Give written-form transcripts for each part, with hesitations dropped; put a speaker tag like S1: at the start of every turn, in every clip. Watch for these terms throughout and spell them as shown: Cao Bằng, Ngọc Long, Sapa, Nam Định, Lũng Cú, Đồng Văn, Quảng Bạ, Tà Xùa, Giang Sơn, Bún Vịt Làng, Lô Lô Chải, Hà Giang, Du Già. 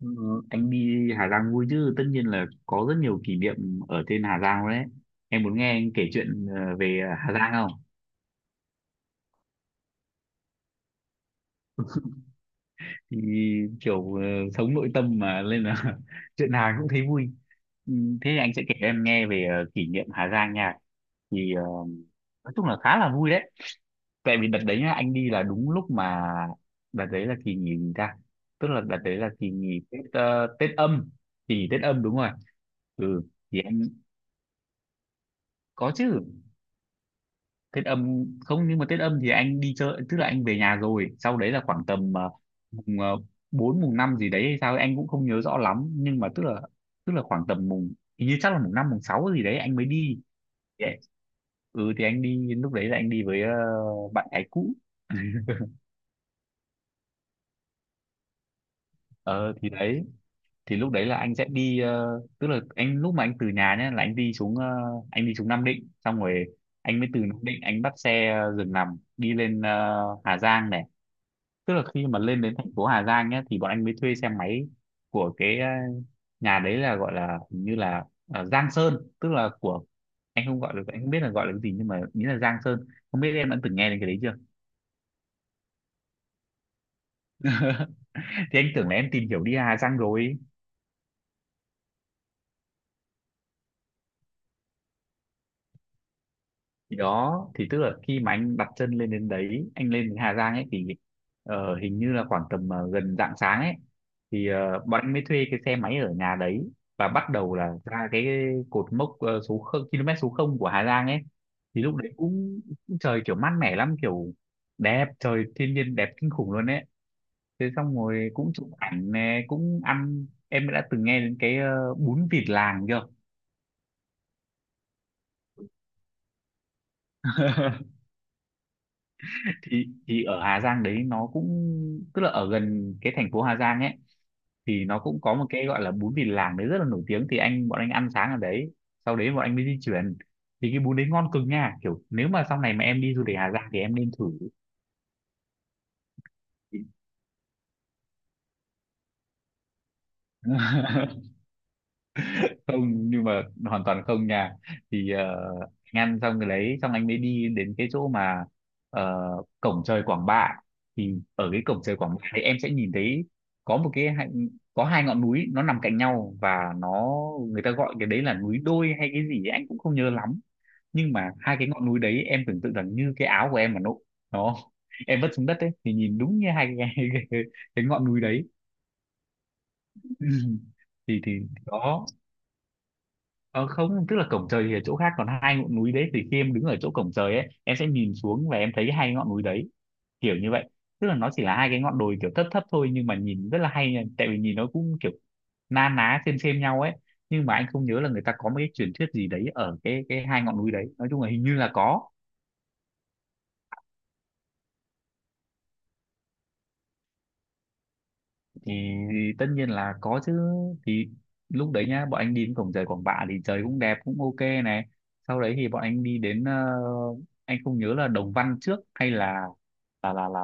S1: Ừ, anh đi Hà Giang vui chứ, tất nhiên là có rất nhiều kỷ niệm ở trên Hà Giang đấy. Em muốn nghe anh kể chuyện về Hà Giang không? Thì kiểu sống nội tâm mà nên là chuyện nào cũng thấy vui. Ừ, thế thì anh sẽ kể em nghe về kỷ niệm Hà Giang nha. Thì nói chung là khá là vui đấy. Tại vì đợt đấy nhá, anh đi là đúng lúc mà, đợt đấy là kỳ nghỉ gì ta, tức là đợt đấy là kỳ nghỉ Tết, Tết âm, kỳ nghỉ Tết âm đúng rồi. Ừ thì anh có chứ. Tết âm không, nhưng mà Tết âm thì anh đi chơi, tức là anh về nhà rồi sau đấy là khoảng tầm mùng 4, mùng 5 gì đấy hay sao ấy, anh cũng không nhớ rõ lắm, nhưng mà tức là khoảng tầm mùng, hình như chắc là mùng năm mùng 6 gì đấy anh mới đi. Thì- ừ thì anh đi, lúc đấy là anh đi với bạn gái cũ. Ờ thì đấy, thì lúc đấy là anh sẽ đi, tức là anh lúc mà anh từ nhà nhá là anh đi xuống Nam Định xong rồi. Anh mới từ Nam Định anh bắt xe giường nằm đi lên Hà Giang này. Tức là khi mà lên đến thành phố Hà Giang nhé thì bọn anh mới thuê xe máy của cái nhà đấy, là gọi là hình như là Giang Sơn, tức là của, anh không gọi được, anh không biết là gọi là cái gì nhưng mà nghĩ là Giang Sơn. Không biết em đã từng nghe đến cái đấy chưa. Thì anh tưởng là em tìm hiểu đi Hà Giang rồi. Thì đó, thì tức là khi mà anh đặt chân lên đến đấy, anh lên đến Hà Giang ấy thì hình như là khoảng tầm gần rạng sáng ấy. Thì bọn anh mới thuê cái xe máy ở nhà đấy và bắt đầu là ra cái cột mốc số không, km số 0 của Hà Giang ấy. Thì lúc đấy cũng trời kiểu mát mẻ lắm, kiểu đẹp trời, thiên nhiên đẹp kinh khủng luôn ấy. Thế xong rồi cũng chụp ảnh nè, cũng ăn. Em đã từng nghe đến cái bún vịt làng chưa? Thì ở Hà Giang đấy nó cũng, tức là ở gần cái thành phố Hà Giang ấy, thì nó cũng có một cái gọi là bún Vịt Làng đấy rất là nổi tiếng. Thì bọn anh ăn sáng ở đấy, sau đấy bọn anh mới di chuyển. Thì cái bún đấy ngon cực nha, kiểu nếu mà sau này mà em đi du lịch Hà Giang thì em nên thử. Không, nhưng mà hoàn toàn không nha. Thì anh ăn xong cái đấy xong anh mới đi đến cái chỗ mà ờ, cổng trời Quảng Bạ. Thì ở cái cổng trời Quảng Bạ thì em sẽ nhìn thấy có một cái hai- có hai ngọn núi nó nằm cạnh nhau, và nó, người ta gọi cái đấy là núi đôi hay cái gì ấy, anh cũng không nhớ lắm. Nhưng mà hai cái ngọn núi đấy, em tưởng tượng rằng như cái áo của em mà nó em vứt xuống đất ấy, thì nhìn đúng như hai cái, cái ngọn núi đấy. Thì đó. Ờ, Không, tức là cổng trời thì ở chỗ khác, còn hai ngọn núi đấy thì khi em đứng ở chỗ cổng trời ấy em sẽ nhìn xuống và em thấy hai ngọn núi đấy, kiểu như vậy. Tức là nó chỉ là hai cái ngọn đồi kiểu thấp thấp thôi, nhưng mà nhìn rất là hay nha, tại vì nhìn nó cũng kiểu na ná xem nhau ấy. Nhưng mà anh không nhớ là người ta có một cái truyền thuyết gì đấy ở cái hai ngọn núi đấy, nói chung là hình như là có. Thì tất nhiên là có chứ. Thì lúc đấy nhá, bọn anh đi đến cổng trời Quảng Bạ thì trời cũng đẹp, cũng ok này. Sau đấy thì bọn anh đi đến anh không nhớ là Đồng Văn trước hay là, là là là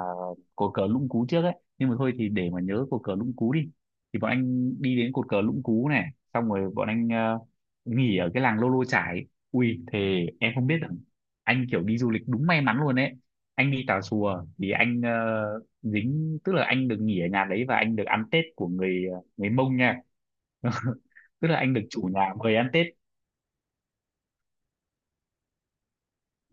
S1: cột cờ Lũng Cú trước ấy, nhưng mà thôi thì để mà nhớ cột cờ Lũng Cú đi. Thì bọn anh đi đến cột cờ Lũng Cú này, xong rồi bọn anh nghỉ ở cái làng Lô Lô Chải. Ui, thề em không biết rằng anh kiểu đi du lịch đúng may mắn luôn ấy. Anh đi Tà Xùa thì anh dính, tức là anh được nghỉ ở nhà đấy và anh được ăn Tết của người Mông nha. Tức là anh được chủ nhà mời ăn Tết.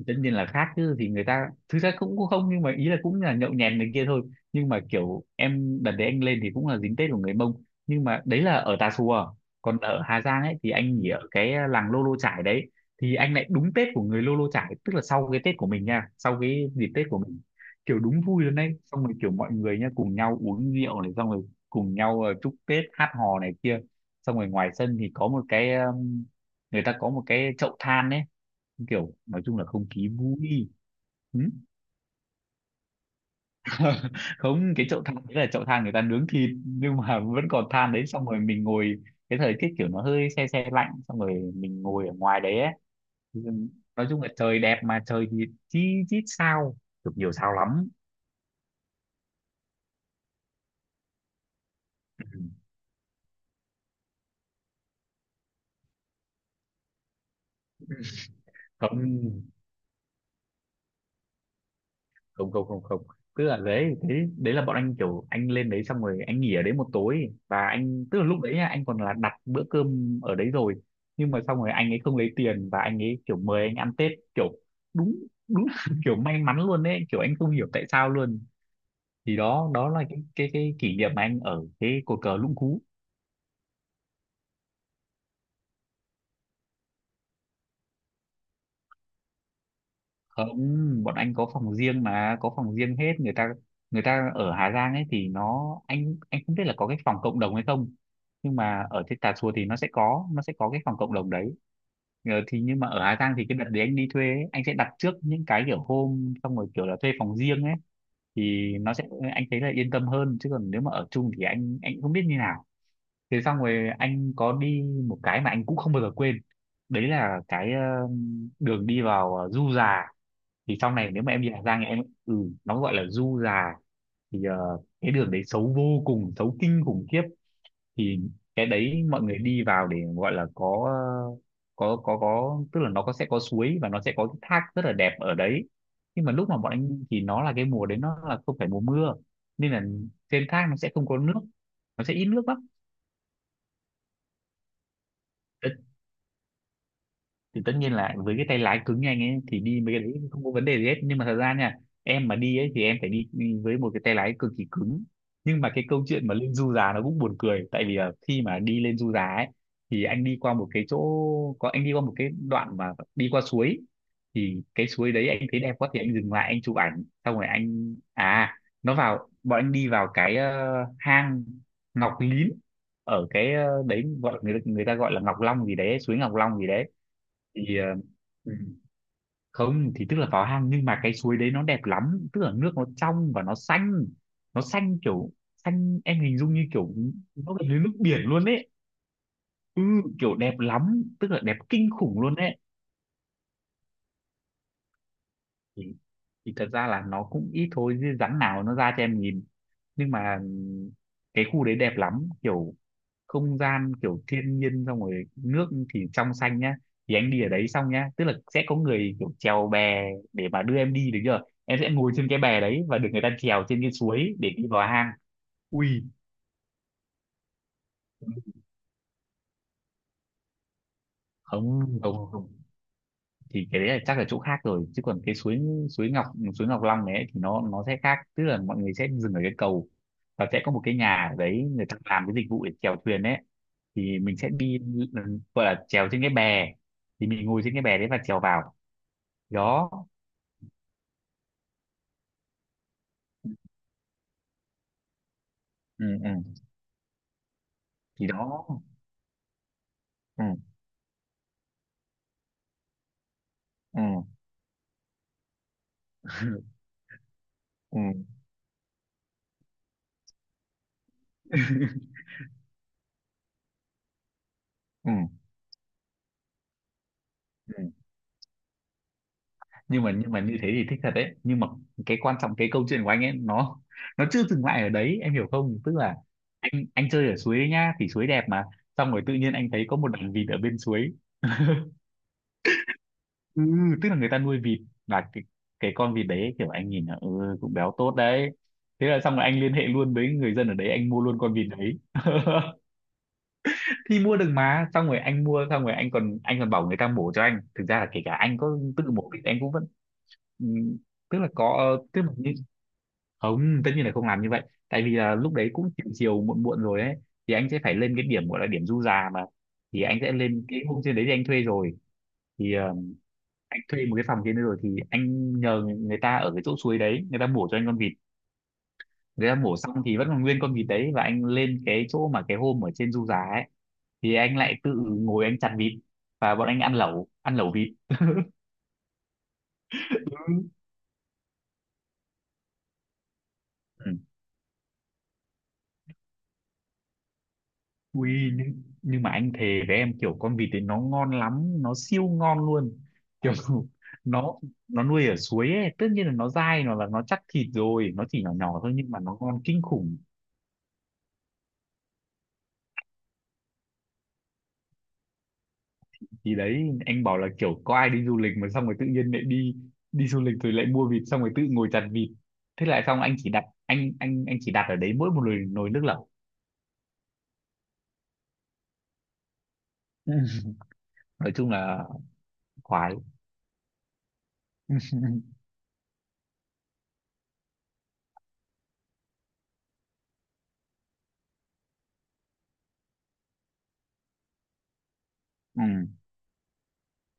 S1: Tất nhiên là khác chứ. Thì người ta thực ra cũng cũng không, nhưng mà ý là cũng là nhậu nhẹt này kia thôi. Nhưng mà kiểu em, đợt đấy anh lên thì cũng là dính Tết của người Mông, nhưng mà đấy là ở Tà Xùa. Còn ở Hà Giang ấy thì anh nghỉ ở cái, à, làng Lô Lô Chải đấy. Thì anh lại đúng Tết của người Lô Lô Chải, tức là sau cái Tết của mình nha, sau cái dịp Tết của mình. Kiểu đúng vui luôn đấy, xong rồi kiểu mọi người nha cùng nhau uống rượu này, xong rồi cùng nhau chúc Tết hát hò này kia. Xong rồi ngoài sân thì có một cái người ta có một cái chậu than ấy, kiểu nói chung là không khí vui. Ừ. Không, cái chậu than đấy là chậu than người ta nướng thịt nhưng mà vẫn còn than đấy, xong rồi mình ngồi, cái thời tiết kiểu nó hơi se se lạnh, xong rồi mình ngồi ở ngoài đấy ấy. Ừ, nói chung là trời đẹp mà trời thì chi chít sao, được nhiều sao lắm. Ừ. Không, không, không, không, không, tức là đấy, đấy, đấy là bọn anh kiểu anh lên đấy xong rồi anh nghỉ ở đấy một tối, và anh, tức là lúc đấy nhá, anh còn là đặt bữa cơm ở đấy rồi, nhưng mà xong rồi anh ấy không lấy tiền và anh ấy kiểu mời anh ăn Tết kiểu đúng, đúng là kiểu may mắn luôn đấy, kiểu anh không hiểu tại sao luôn. Thì đó, đó là cái kỷ niệm mà anh ở cái cột cờ Lũng Cú. Không, bọn anh có phòng riêng mà, có phòng riêng hết. Người ta, ở Hà Giang ấy thì nó, anh không biết là có cái phòng cộng đồng hay không, nhưng mà ở trên Tà Xùa thì nó sẽ có cái phòng cộng đồng đấy. Thì nhưng mà ở Hà Giang thì cái đợt đấy anh đi thuê ấy, anh sẽ đặt trước những cái kiểu hôm, xong rồi kiểu là thuê phòng riêng ấy, thì nó sẽ, anh thấy là yên tâm hơn, chứ còn nếu mà ở chung thì anh cũng không biết như nào. Thế xong rồi anh có đi một cái mà anh cũng không bao giờ quên, đấy là cái đường đi vào Du Già. Thì sau này nếu mà em đi Hà Giang thì em, ừ, nó gọi là du già. Thì cái đường đấy xấu vô cùng, xấu kinh khủng khiếp. Thì cái đấy mọi người đi vào để gọi là có ờ, có có có, tức là nó sẽ có suối và nó sẽ có cái thác rất là đẹp ở đấy. Nhưng mà lúc mà bọn anh đi thì nó là cái mùa đấy, nó là không phải mùa mưa, nên là trên thác nó sẽ không có nước, nó sẽ ít nước lắm. Thì tất nhiên là với cái tay lái cứng nhanh ấy thì đi mấy cái đấy không có vấn đề gì hết, nhưng mà thật ra nha, em mà đi ấy thì em phải đi đi với một cái tay lái cực kỳ cứng. Nhưng mà cái câu chuyện mà lên du già nó cũng buồn cười, tại vì là khi mà đi lên du già ấy thì anh đi qua một cái đoạn mà đi qua suối. Thì cái suối đấy anh thấy đẹp quá thì anh dừng lại anh chụp ảnh, xong rồi anh, à, nó vào, bọn anh đi vào cái hang Ngọc Lín. Ở cái đấy gọi, người người ta gọi là Ngọc Long gì đấy, suối Ngọc Long gì đấy. Thì ừ, không, thì tức là vào hang, nhưng mà cái suối đấy nó đẹp lắm, tức là nước Nó trong và nó xanh. Nó xanh kiểu xanh, em hình dung như kiểu nó gần như nước biển luôn đấy. Ừ, kiểu đẹp lắm, tức là đẹp kinh khủng luôn đấy. thì, thì thật ra là nó cũng ít thôi chứ rắn nào nó ra cho em nhìn. Nhưng mà cái khu đấy đẹp lắm, kiểu không gian kiểu thiên nhiên, xong rồi nước thì trong xanh nhá. Thì anh đi ở đấy xong nhá, tức là sẽ có người kiểu chèo bè để mà đưa em đi được chưa. Em sẽ ngồi trên cái bè đấy và được người ta chèo trên cái suối để đi vào hang. Ui, không không không, thì cái đấy là chắc là chỗ khác rồi, chứ còn cái suối, suối Ngọc, suối Ngọc Long này ấy, thì nó sẽ khác, tức là mọi người sẽ dừng ở cái cầu và sẽ có một cái nhà ở đấy, người ta làm cái dịch vụ để chèo thuyền đấy. Thì mình sẽ đi, ừ, gọi là chèo trên cái bè, thì mình ngồi trên cái bè đấy và chèo vào đó. Ừ ừ, thì đó. Ừ ừ ừ ừ ừ. Nhưng mà như thế thì thích thật đấy, nhưng mà cái quan trọng, cái câu chuyện của anh ấy nó chưa dừng lại ở đấy, em hiểu không. Tức là anh chơi ở suối ấy nhá, thì suối đẹp mà, xong rồi tự nhiên anh thấy có một đàn vịt ở bên suối. Ừ, tức là người ta nuôi vịt. Là cái con vịt đấy kiểu anh nhìn là ừ cũng béo tốt đấy. Thế là xong rồi anh liên hệ luôn với người dân ở đấy, anh mua luôn con vịt đấy. Thì mua được mà, xong rồi anh mua xong rồi anh còn bảo người ta mổ cho anh, thực ra là kể cả anh có tự mổ thì anh cũng vẫn, ừ, tức là có, tức là không, tất nhiên là không làm như vậy. Tại vì là lúc đấy cũng chiều chiều muộn muộn rồi ấy, thì anh sẽ phải lên cái điểm gọi là điểm du già mà. Thì anh sẽ lên cái hôm trên đấy thì anh thuê rồi, thì ờ, anh thuê một cái phòng trên đấy rồi thì anh nhờ người ta ở cái chỗ suối đấy, người ta mổ cho anh con vịt. Người ta mổ xong thì vẫn còn nguyên con vịt đấy, và anh lên cái chỗ mà cái hôm ở trên du già ấy, thì anh lại tự ngồi anh chặt vịt, và bọn anh ăn lẩu, ăn lẩu vịt. Ừ. Ui, nhưng mà anh thề với em, kiểu con vịt ấy nó ngon lắm, nó siêu ngon luôn, kiểu nó nó nuôi ở suối ấy, tất nhiên là nó dai, nó là nó chắc thịt rồi, nó chỉ nhỏ nhỏ thôi nhưng mà nó ngon kinh khủng. Thì đấy anh bảo là kiểu có ai đi du lịch mà xong rồi tự nhiên lại đi, đi du lịch rồi lại mua vịt xong rồi tự ngồi chặt vịt. Thế lại xong, anh chỉ đặt ở đấy mỗi một nồi nước lẩu. Nói chung là khoái. Ừ.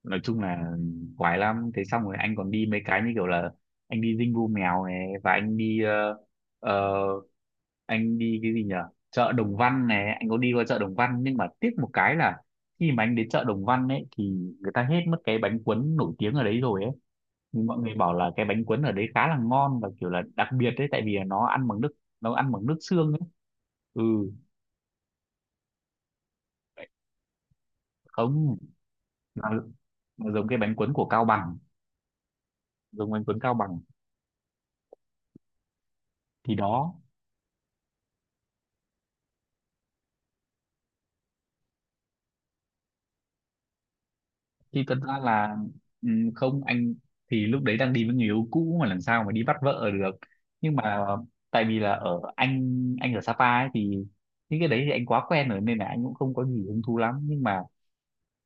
S1: Nói chung là quái lắm. Thế xong rồi anh còn đi mấy cái như kiểu là anh đi dinh vu mèo này, và anh đi ờ, anh đi cái gì nhở, chợ Đồng Văn này, anh có đi qua chợ Đồng Văn, nhưng mà tiếc một cái là khi mà anh đến chợ Đồng Văn ấy thì người ta hết mất cái bánh cuốn nổi tiếng ở đấy rồi ấy. Nhưng mọi người bảo là cái bánh cuốn ở đấy khá là ngon và kiểu là đặc biệt đấy, tại vì là nó ăn bằng nước, nó ăn bằng nước xương ấy. Ừ, không, nó, nó giống cái bánh cuốn của Cao Bằng, giống bánh cuốn Cao Bằng. Thì đó. Thì thật ra là không anh, thì lúc đấy đang đi với người yêu cũ mà làm sao mà đi bắt vợ được. Nhưng mà tại vì là ở anh ở Sapa ấy, thì những cái đấy thì anh quá quen rồi nên là anh cũng không có gì hứng thú lắm. Nhưng mà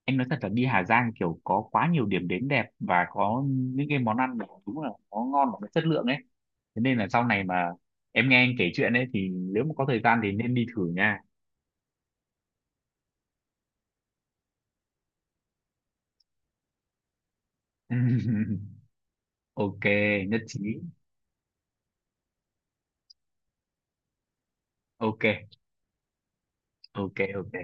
S1: anh nói thật là đi Hà Giang kiểu có quá nhiều điểm đến đẹp và có những cái món ăn mà đúng là nó ngon và nó chất lượng ấy. Thế nên là sau này mà em nghe anh kể chuyện ấy thì nếu mà có thời gian thì nên đi thử nha. OK, nhất trí. OK, OK, OK.